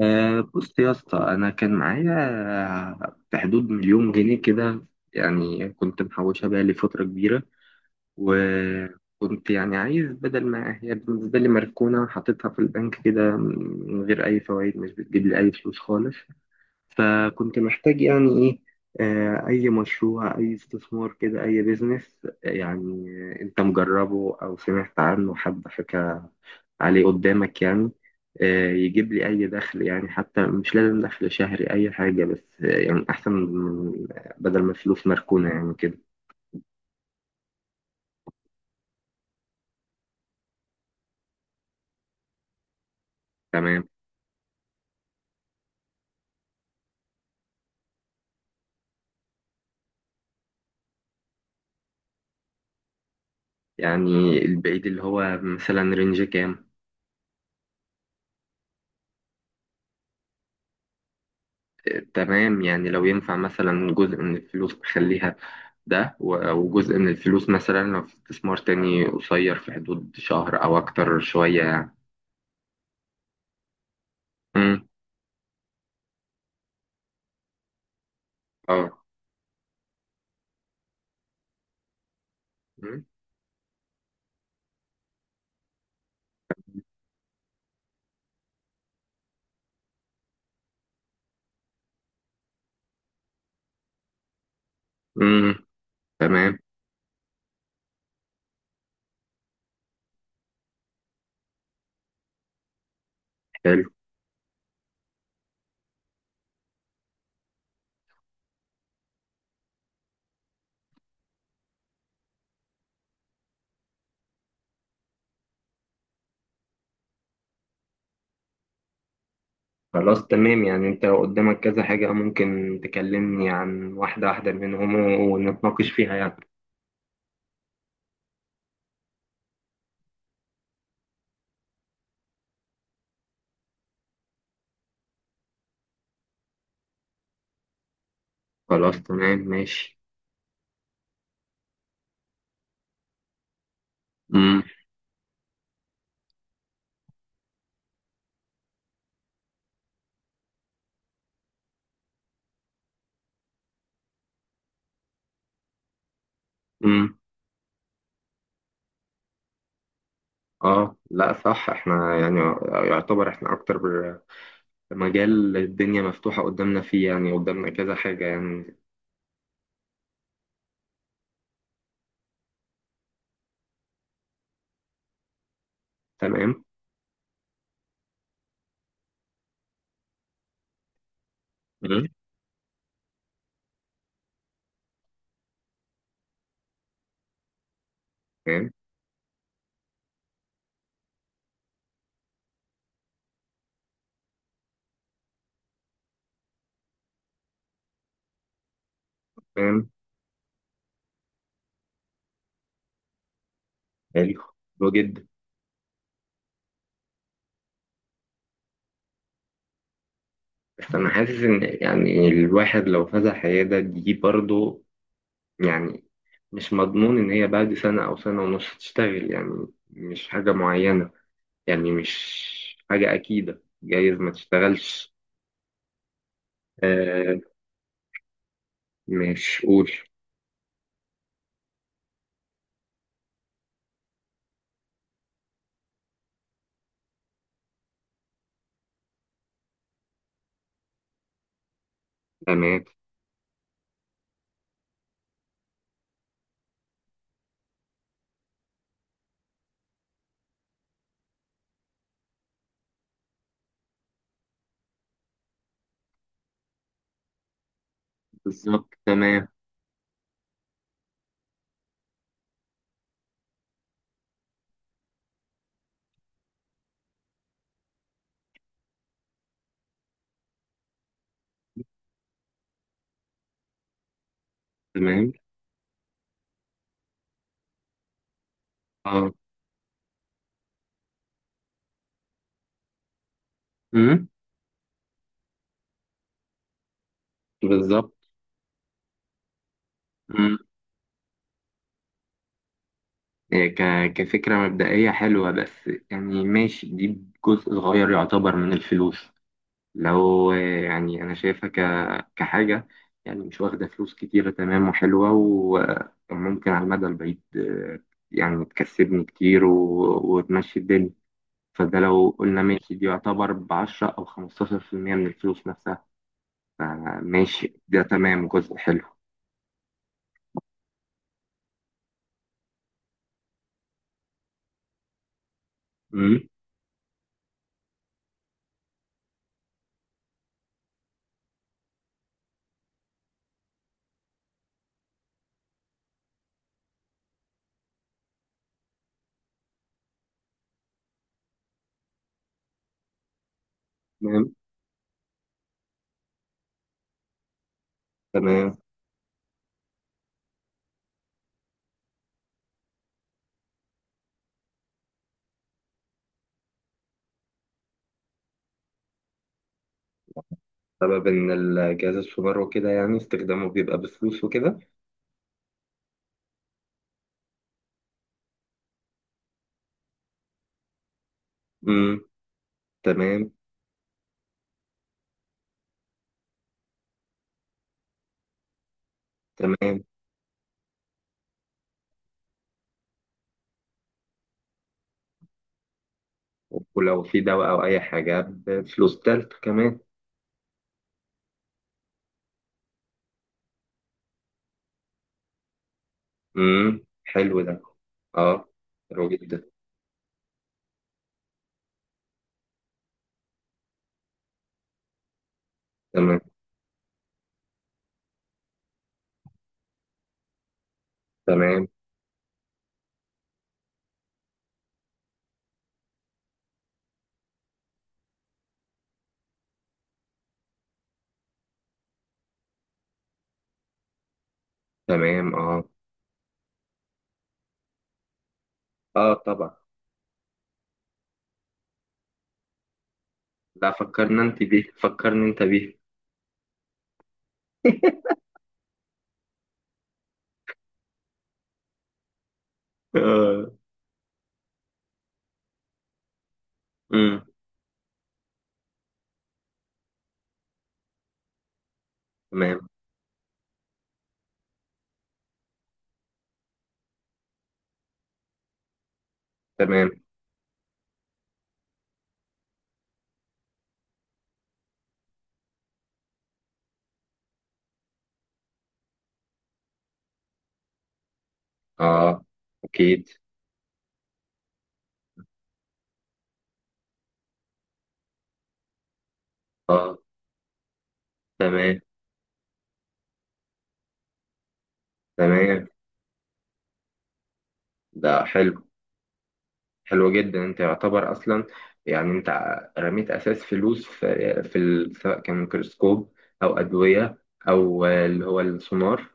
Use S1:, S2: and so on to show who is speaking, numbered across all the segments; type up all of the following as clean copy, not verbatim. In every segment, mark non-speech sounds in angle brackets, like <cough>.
S1: بص يا اسطى، انا كان معايا في حدود مليون جنيه كده. يعني كنت محوشها بقى لي فتره كبيره. وكنت يعني عايز، بدل ما هي بالنسبه لي مركونه، حطيتها في البنك كده من غير اي فوائد، مش بتجيب لي اي فلوس خالص. فكنت محتاج يعني ايه، اي مشروع اي استثمار كده اي بيزنس يعني. انت مجربه او سمعت عنه حد حكى عليه قدامك يعني؟ يجيب لي اي دخل يعني، حتى مش لازم دخل شهري اي حاجة، بس يعني احسن من، بدل ما الفلوس مركونة يعني كده. تمام. يعني البعيد اللي هو مثلا رينج كام؟ تمام، يعني لو ينفع مثلا جزء من الفلوس بخليها ده وجزء من الفلوس مثلا لو في استثمار تاني قصير في حدود شهر أو أكتر شوية يعني. مم. اه. مم. مم. تمام. حلو. خلاص تمام، يعني انت قدامك كذا حاجة، ممكن تكلمني عن واحدة واحدة منهم ونتناقش فيها يعني. خلاص تمام ماشي. مم. مم. اه، لا صح، احنا يعني يعتبر احنا اكتر مجال الدنيا مفتوحة قدامنا فيه، يعني قدامنا كذا حاجة يعني. تمام. مم. تمام. تمام. حلو. حلو جدا. بس أنا حاسس إن، يعني، الواحد لو فتح عيادة دي برضه، يعني مش مضمون إن هي بعد سنة أو سنة ونص تشتغل، يعني مش حاجة معينة، يعني مش حاجة أكيدة، جايز ما تشتغلش. آه، مش قول. تمام. بالظبط. تمام. تمام. اه. أمم، بالظبط. هي كفكرة مبدئية حلوة، بس يعني ماشي، دي جزء صغير يعتبر من الفلوس، لو يعني أنا شايفها كحاجة يعني مش واخدة فلوس كتيرة، تمام وحلوة وممكن على المدى البعيد، يعني تكسبني كتير وتمشي الدنيا. فده لو قلنا ماشي، دي يعتبر ب10 أو 15% من الفلوس نفسها. فماشي ده تمام، جزء حلو. مم. تمام. تمام. بسبب إن الجهاز السولار وكده يعني استخدامه بيبقى بفلوس وكده. امم تمام. تمام. ولو في دواء أو أي حاجة بفلوس تالت كمان. حلو ده. اه. حلو جدا. تمام. تمام. تمام. اه. اه طبعا. لا، فكرنا انت بيه، فكرني انت بيه. <laughs> اه. امم تمام. تمام. اه اكيد. اه. تمام. تمام. ده حلو. حلوة جدا، انت يعتبر اصلا يعني انت رميت اساس فلوس سواء كان ميكروسكوب او ادوية او اللي هو السونار،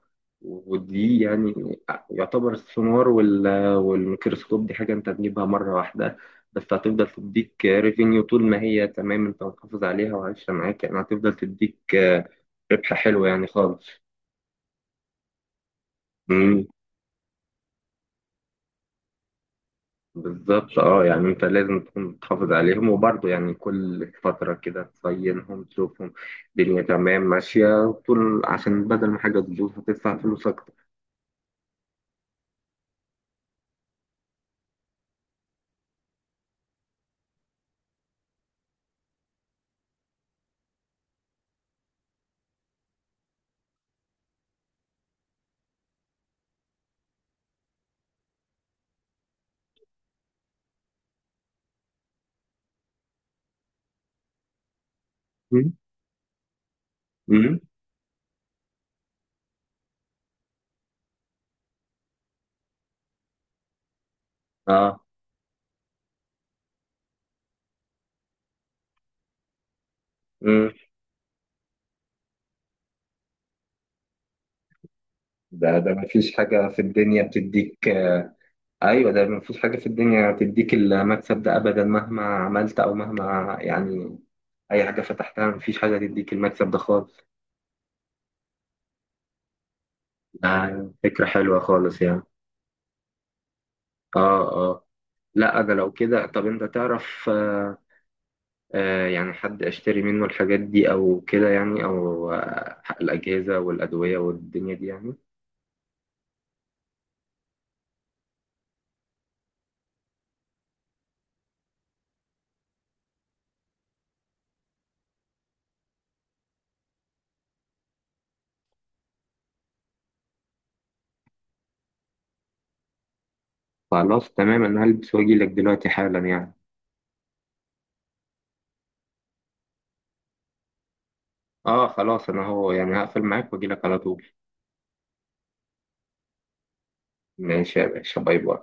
S1: ودي يعني يعتبر السونار والميكروسكوب دي حاجة انت تجيبها مرة واحدة، بس هتفضل تديك ريفينيو طول ما هي تمام، انت محافظ عليها وعايشة معاك، يعني هتفضل تديك ربح حلو يعني خالص. بالظبط. اه، يعني انت لازم تكون بتحافظ عليهم وبرضه يعني كل فترة كده تصينهم تشوفهم الدنيا تمام ماشية وطول، عشان بدل ما حاجة تبوظ هتدفع فلوس أكتر. مم. مم. اه. مم. ده مفيش حاجة في الدنيا بتديك. أيوة، ده مفيش حاجة في الدنيا بتديك المكسب ده أبدا مهما عملت أو مهما يعني، أي حاجة فتحتها، مفيش حاجة تديك المكسب ده خالص. ده فكرة حلوة خالص يعني. اه. اه. لا أنا لو كده، طب أنت تعرف يعني حد أشتري منه الحاجات دي أو كده يعني، أو الأجهزة والأدوية والدنيا دي يعني؟ خلاص تمام، أنا هلبس وأجيلك دلوقتي حالا يعني. آه خلاص، أنا هو يعني هقفل معاك وأجيلك على طول. ماشي يا باشا، باي باي.